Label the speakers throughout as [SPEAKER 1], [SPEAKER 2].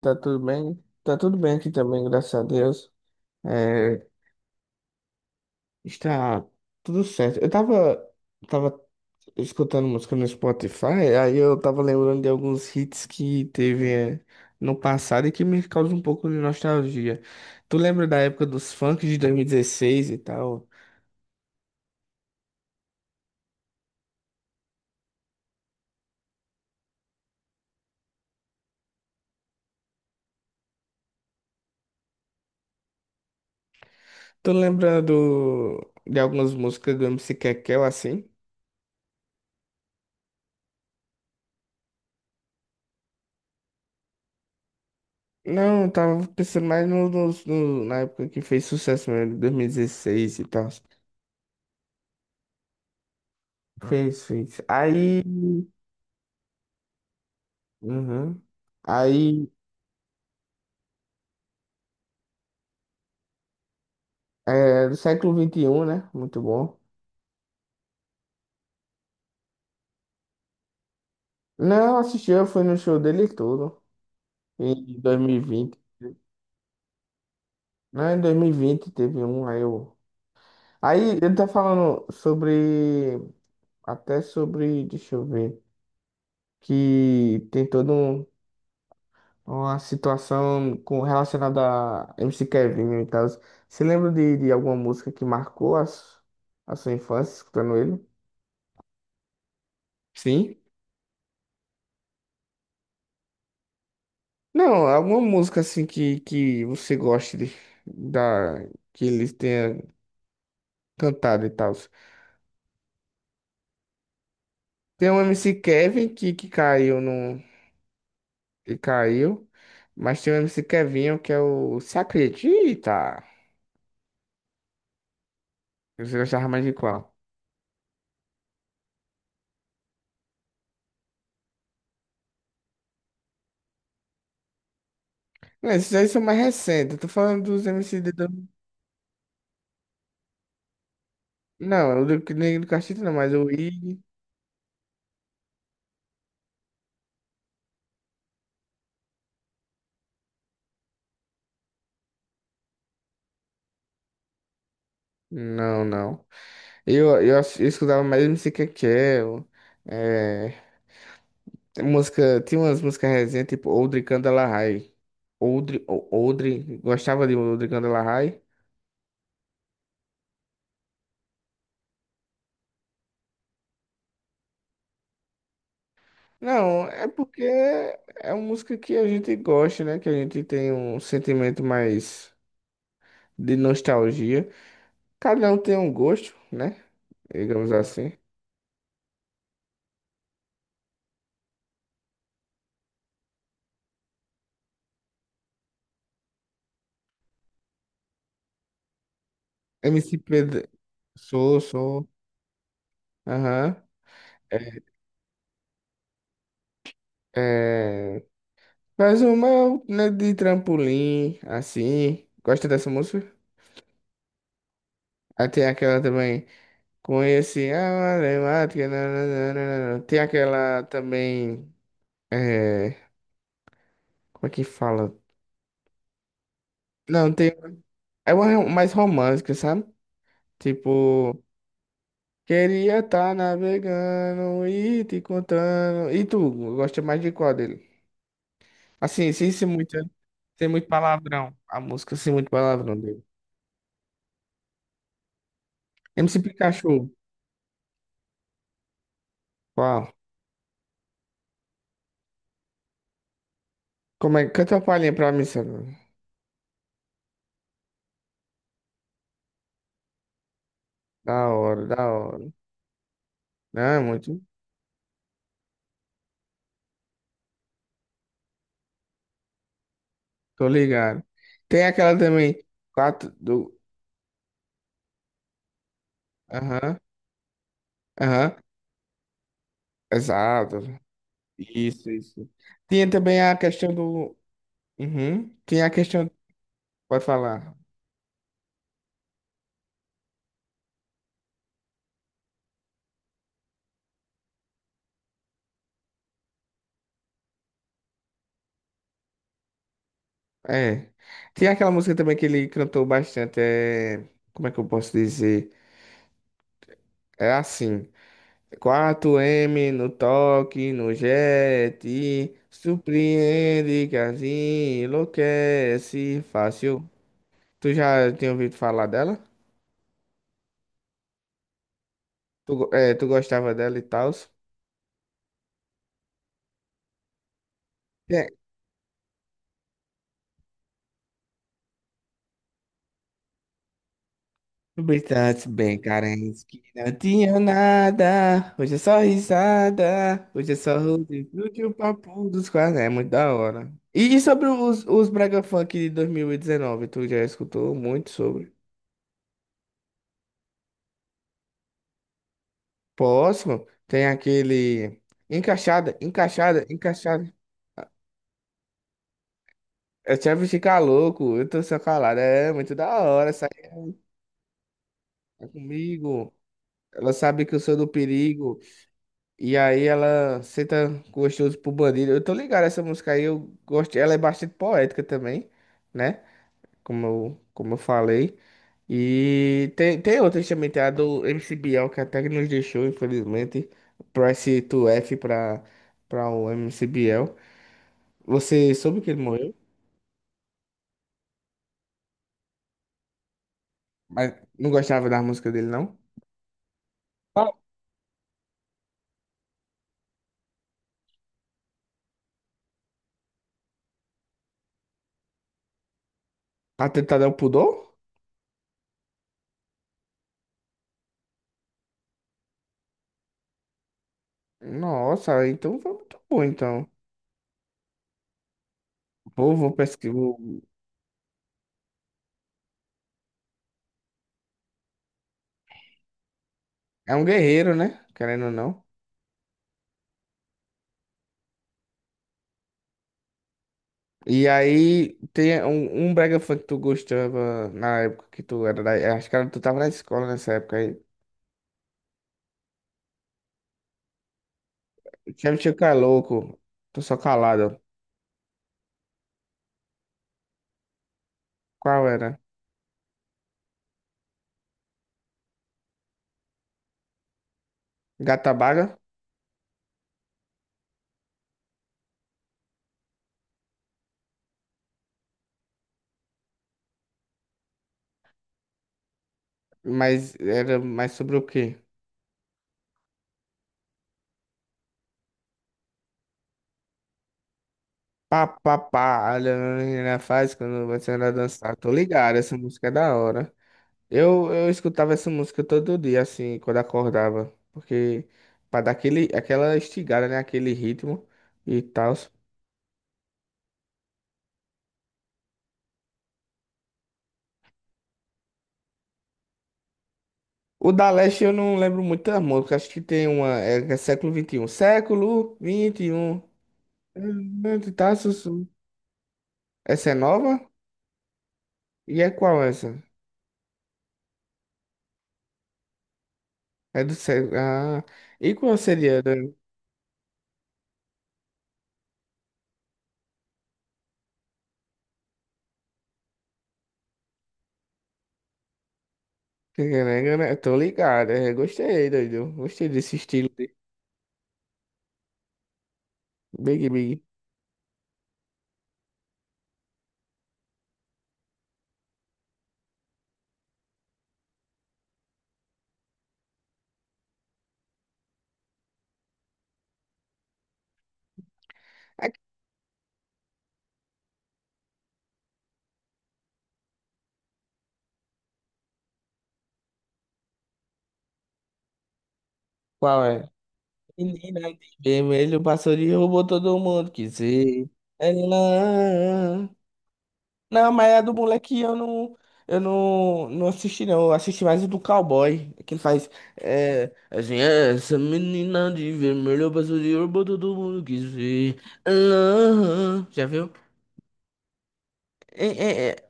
[SPEAKER 1] Tá tudo bem? Tá tudo bem aqui também, graças a Deus. É, está tudo certo. Eu tava escutando música no Spotify, aí eu tava lembrando de alguns hits que teve, no passado e que me causam um pouco de nostalgia. Tu lembra da época dos funks de 2016 e tal? Tu lembra de algumas músicas do MC Kekel assim? Não, eu tava pensando mais na época que fez sucesso mesmo, 2016 e tal. Fez, fez. Aí. Uhum. Aí. É, do século vinte e um, né? Muito bom. Não, assisti, eu fui no show dele e tudo. Em dois mil e vinte Não, em 2020 teve um, aí eu. Aí ele tá falando sobre. Até sobre. Deixa eu ver. Que tem todo um. Uma situação com relacionada a MC Kevin e tal. Você lembra de alguma música que marcou a sua infância escutando ele? Sim. Não, alguma música assim que você goste da, que eles tenham cantado e tal. Tem um MC Kevin que caiu no. Que caiu. Mas tem um MC Kevinho que é o Se Acredita. Você gostava mais de qual? Não, esses aí são mais recentes. Eu tô falando dos MC de. Não, o do que nem do Castilho não, mas o Ig. Não, não. Eu escutava mais MC Kekel. Tem música, tinha umas músicas recentes, tipo Oldri Candelahai. Oldri, gostava de Oldri Candelahai? Não, é porque é uma música que a gente gosta, né? Que a gente tem um sentimento mais de nostalgia. Cada um tem um gosto, né? Digamos assim. MC Pedro, sou, aham. É, é, faz uma, né, de trampolim, assim. Gosta dessa música? Aí tem aquela também. Conheci a matemática, nananana. Tem aquela também. É, como é que fala? Não, tem. É uma mais romântica, sabe? Tipo, queria estar navegando e te contando. E tu, gosta mais de qual dele? Assim, sem ser muito, sem muito palavrão. A música sem muito palavrão dele. MC Pikachu. Qual? Como é? Canta uma palhinha pra mim, Sandro. Da hora, da hora. Não, é muito. Tô ligado. Tem aquela também, quatro do. Aham, aham, exato. Isso, isso. Tinha também a questão do. Uhum. Tinha a questão. Pode falar. É. Tinha aquela música também que ele cantou bastante. Como é que eu posso dizer? É assim. Quatro m no toque, no jet. Surpreende, casinha, enlouquece, fácil. Tu já tinha ouvido falar dela? Tu gostava dela e tal? É, brincantes bem carentes que não tinham nada. Hoje é só risada. Hoje é só rodeio de um papo dos quase. É muito da hora. E sobre os Brega Funk de 2019? Tu já escutou muito sobre? Próximo, tem aquele. Encaixada, encaixada, encaixada. Eu te aviso ficar louco, eu tô só calado. É muito da hora, sai comigo. Ela sabe que eu sou do perigo. E aí ela senta gostoso pro bandido. Eu tô ligado essa música aí, eu gosto. Ela é bastante poética também, né? Como eu falei. E tem outras também, tem a do MC Bial, que até que nos deixou, infelizmente. Price to F pra, o MC Biel. Você soube que ele morreu? Mas não gostava da música dele, não? Ah, atentado ao pudor? Nossa, então foi muito bom, então. Pô, vou pesquisar. É um guerreiro, né? Querendo ou não. E aí tem um brega funk que tu gostava na época que tu era da, acho que tu tava na escola nessa época aí. Sempre tinha que é louco, tô só calado. Qual era? Gata Baga? Mas era mais sobre o quê? Pá, pá, pá, olha a menina faz quando você anda a dançar. Tô ligado, essa música é da hora. Eu escutava essa música todo dia, assim, quando acordava. Porque pra dar aquele, aquela estigada, né? Aquele ritmo e tal. O da Leste eu não lembro muita música. Acho que tem uma. É, que é século vinte e um. Século vinte XXI. Tá, Sussu. Essa é nova? E é qual essa? É do século. Ah, e qual seria? Tô ligado. Gostei, doido. Gostei desse estilo de Big Big. É, qual é? Menina de vermelho passou de roubou todo mundo que se. Não, mas a do moleque eu não, não assisti não. Eu assisti mais o do cowboy, que ele faz assim, "É, essa menina de vermelho passou de ouro, todo mundo quis ver. Ah, já viu? É, é, é.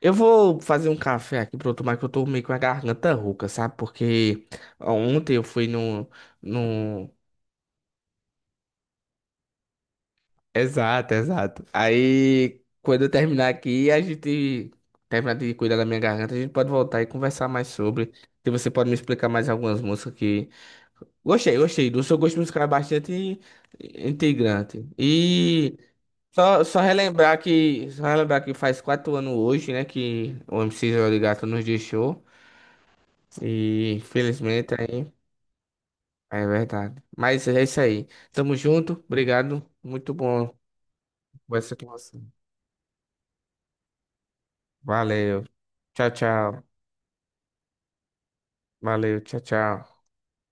[SPEAKER 1] Eu vou fazer um café aqui pra eu tomar, que eu tô meio com a garganta rouca, sabe? Porque ontem eu fui no. Exato, exato. Aí, quando eu terminar aqui, a gente terminar de cuidar da minha garganta, a gente pode voltar e conversar mais sobre. Se você pode me explicar mais algumas músicas que. Gostei, gostei. Do seu gosto musical é bastante integrante. E só relembrar que. Só relembrar que faz 4 anos hoje, né? Que o MC Joel de Gato nos deixou. E infelizmente aí. É verdade. Mas é isso aí. Tamo junto. Obrigado. Muito bom conversar com você. Valeu. Tchau, tchau. Valeu, tchau, tchau.